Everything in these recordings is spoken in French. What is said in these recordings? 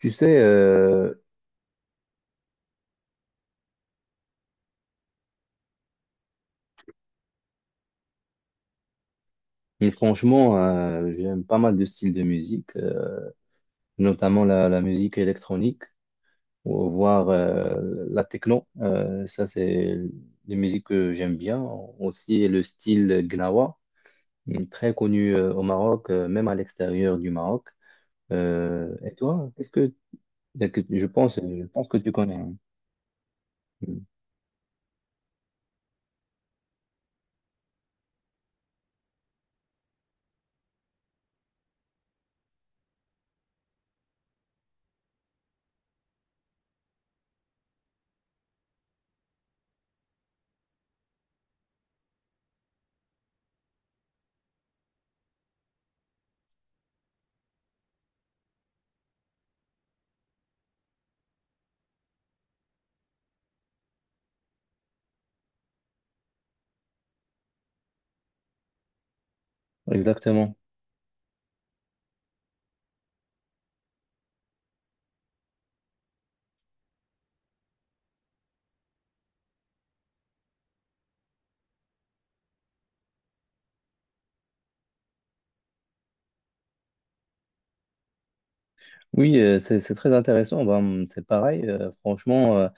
Tu sais, franchement, j'aime pas mal de styles de musique, notamment la musique électronique, voire la techno. Ça, c'est des musiques que j'aime bien. Aussi, le style Gnawa, très connu au Maroc, même à l'extérieur du Maroc. Et toi, je pense que tu connais, hein. Mm, exactement. Oui, c'est très intéressant. Ben, c'est pareil, franchement, euh,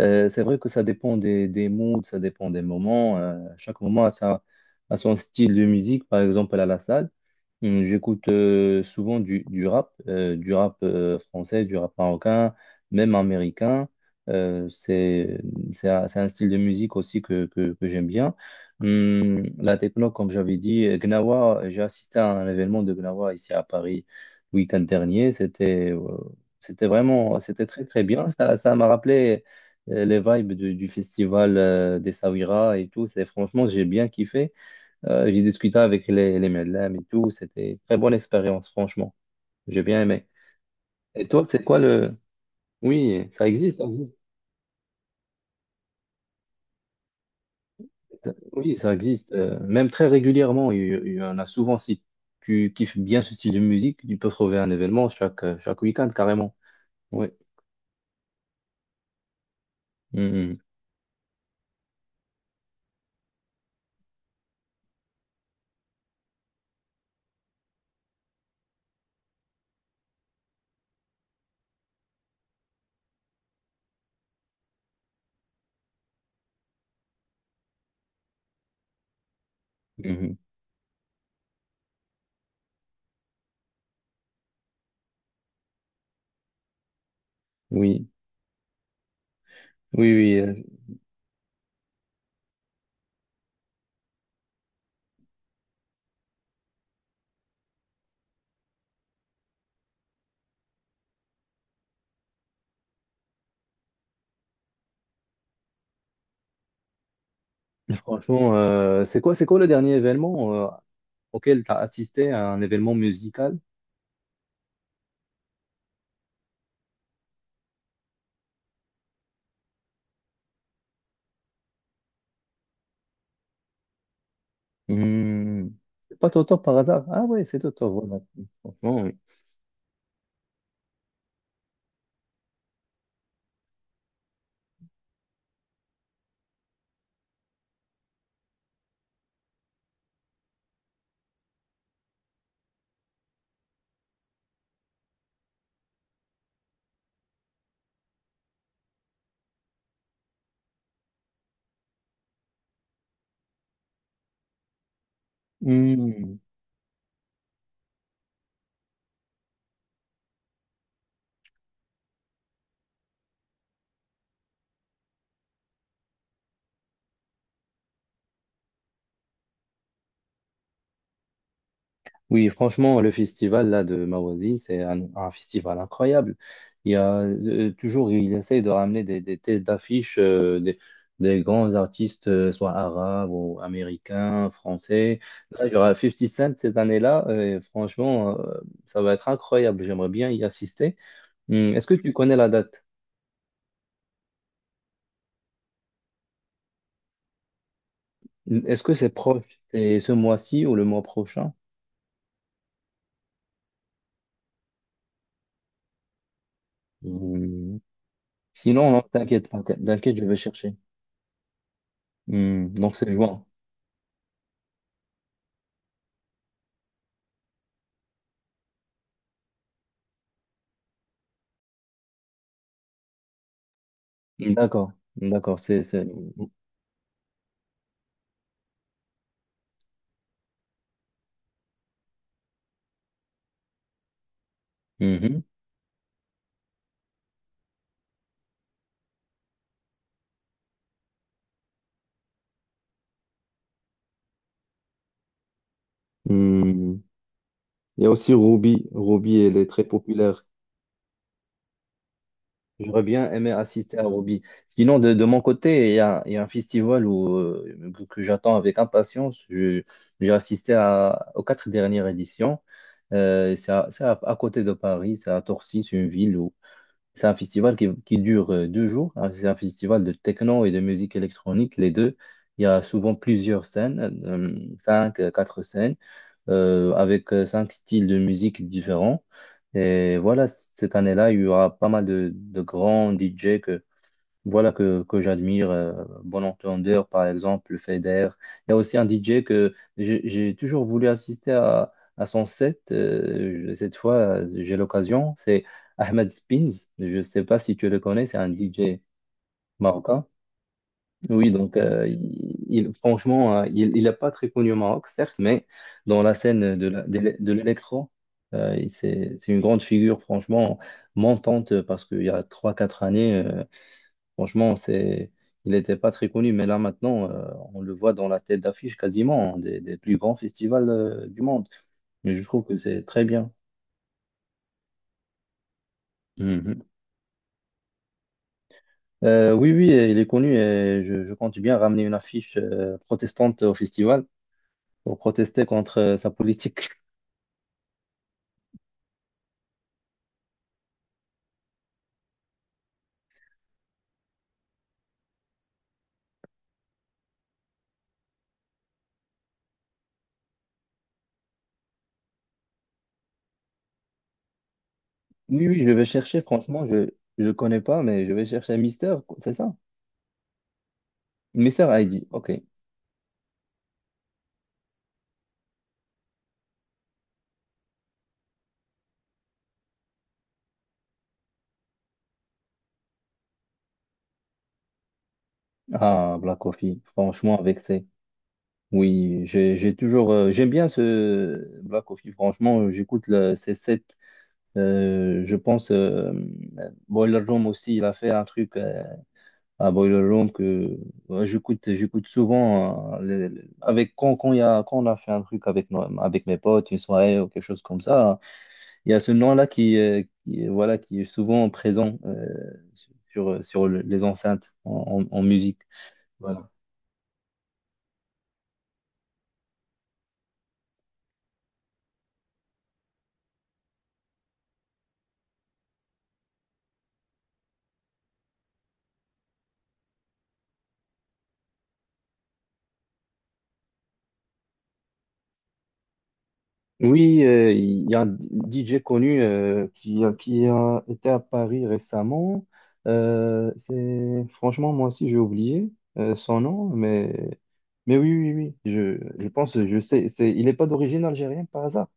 euh, c'est vrai que ça dépend des moods, ça dépend des moments. Chaque moment a son style de musique. Par exemple, à la salle, j'écoute souvent du rap français, du rap marocain, même américain. Euh, c'est c'est un style de musique aussi que j'aime bien. La techno, comme j'avais dit, Gnawa, j'ai assisté à un événement de Gnawa ici à Paris week-end dernier. C'était très très bien. Ça m'a rappelé les vibes du festival des Saouira et tout. C'est franchement, j'ai bien kiffé. J'ai discuté avec les Medlem et tout. C'était une très bonne expérience, franchement. J'ai bien aimé. Et toi, c'est quoi le. Oui, ça existe, ça existe. Oui, ça existe. Même très régulièrement, il y en a souvent. Si tu kiffes bien ce style de musique, tu peux trouver un événement chaque week-end, carrément. Oui. Mhm. Mhm. Oui, oui, oui. Franchement, c'est quoi le dernier événement auquel tu as assisté à un événement musical? Hmm, C'est pas Toto par hasard? Ah ouais, c'est Toto, voilà. Franchement, oui. Hmm, oui, franchement, le festival là de ma c'est un festival incroyable. Il y a toujours, il essaye de ramener des têtes d'affiche des grands artistes, soit arabes ou américains, français. Là, il y aura 50 Cent cette année-là, et franchement, ça va être incroyable. J'aimerais bien y assister. Est-ce que tu connais la date? Est-ce que c'est proche? C'est ce mois-ci ou le mois prochain? Hmm. Sinon, non, t'inquiète, t'inquiète, t'inquiète, je vais chercher. Donc c'est juin. Hmm, d'accord, d'accord, c'est. Mhm. Hmm. Il y a aussi Ruby. Ruby, elle est très populaire. J'aurais bien aimé assister à Ruby. Sinon, de mon côté, il y a un festival où, que j'attends avec impatience. J'ai assisté aux quatre dernières éditions. À côté de Paris, c'est à Torcy, c'est une ville où. C'est un festival qui dure 2 jours. Ah, c'est un festival de techno et de musique électronique, les deux. Il y a souvent plusieurs scènes, cinq, quatre scènes, avec cinq styles de musique différents. Et voilà, cette année-là, il y aura pas mal de grands DJ que, voilà que j'admire. Bon entendeur, par exemple, Feder. Il y a aussi un DJ que j'ai toujours voulu assister à son set. Cette fois, j'ai l'occasion. C'est Ahmed Spins. Je ne sais pas si tu le connais. C'est un DJ marocain. Oui, donc franchement, il n'est pas très connu au Maroc, certes, mais dans la scène de l'électro, c'est une grande figure, franchement, montante, parce qu'il y a trois quatre années. Franchement, il n'était pas très connu, mais là maintenant, on le voit dans la tête d'affiche quasiment hein, des plus grands festivals du monde. Mais je trouve que c'est très bien. Mhm. Oui, oui, il est connu et je compte bien ramener une affiche protestante au festival pour protester contre sa politique. Oui, oui, je vais chercher, franchement, je ne connais pas, mais je vais chercher Mister, c'est ça? Mister Heidi, ok. Ah, Black Coffee, franchement, avec ses. Oui, j'aime bien ce Black Coffee. Franchement, j'écoute le C7. Je pense Boiler Room aussi. Il a fait un truc à Boiler Room que ouais, j'écoute souvent avec quand il y a quand on a fait un truc avec mes potes une soirée ou quelque chose comme ça. Il y a ce nom-là voilà qui est souvent présent sur les enceintes en musique. Voilà. Oui, il y a un DJ connu qui a été à Paris récemment. C'est franchement moi aussi j'ai oublié son nom, mais oui oui oui, je pense, je sais, c'est, il n'est pas d'origine algérienne par hasard.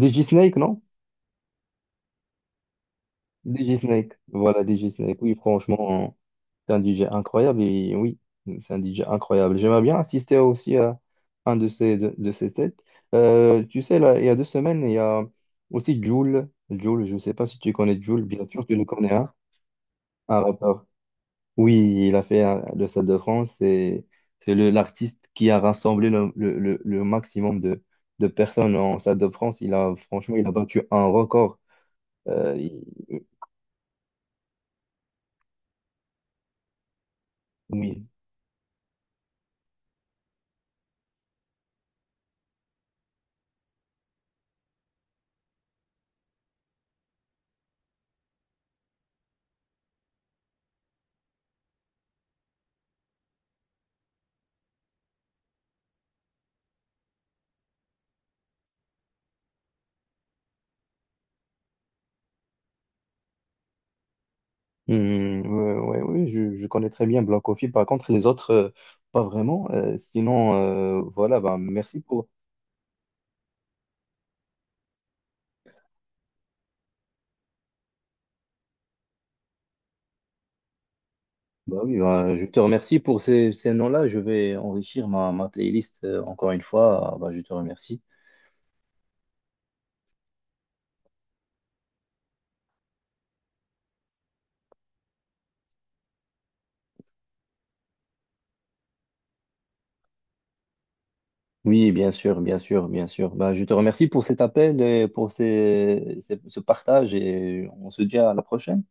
DJ Snake, non? DJ Snake, voilà, DJ Snake, oui, franchement, c'est un DJ incroyable, et oui, c'est un DJ incroyable. J'aimerais bien assister aussi à un de ces sets. Tu sais, là, il y a 2 semaines, il y a aussi Jul. Jul, je ne sais pas si tu connais Jul, bien sûr, tu le connais, hein, un rappeur. Oui, il a fait le Stade de France, et c'est l'artiste qui a rassemblé le maximum de personnes en Stade de France. Il a, franchement, il a battu un record. Euh, il- oui, hmm, ouais, ouais, oui, je connais très bien Black Coffee. Par contre, les autres, pas vraiment. Sinon, voilà, bah, merci pour. Bah oui, bah, je te remercie pour ces noms-là. Je vais enrichir ma playlist encore une fois. Ah, bah, je te remercie. Oui, bien sûr, bien sûr, bien sûr. Bah, je te remercie pour cet appel et pour ce partage, et on se dit à la prochaine.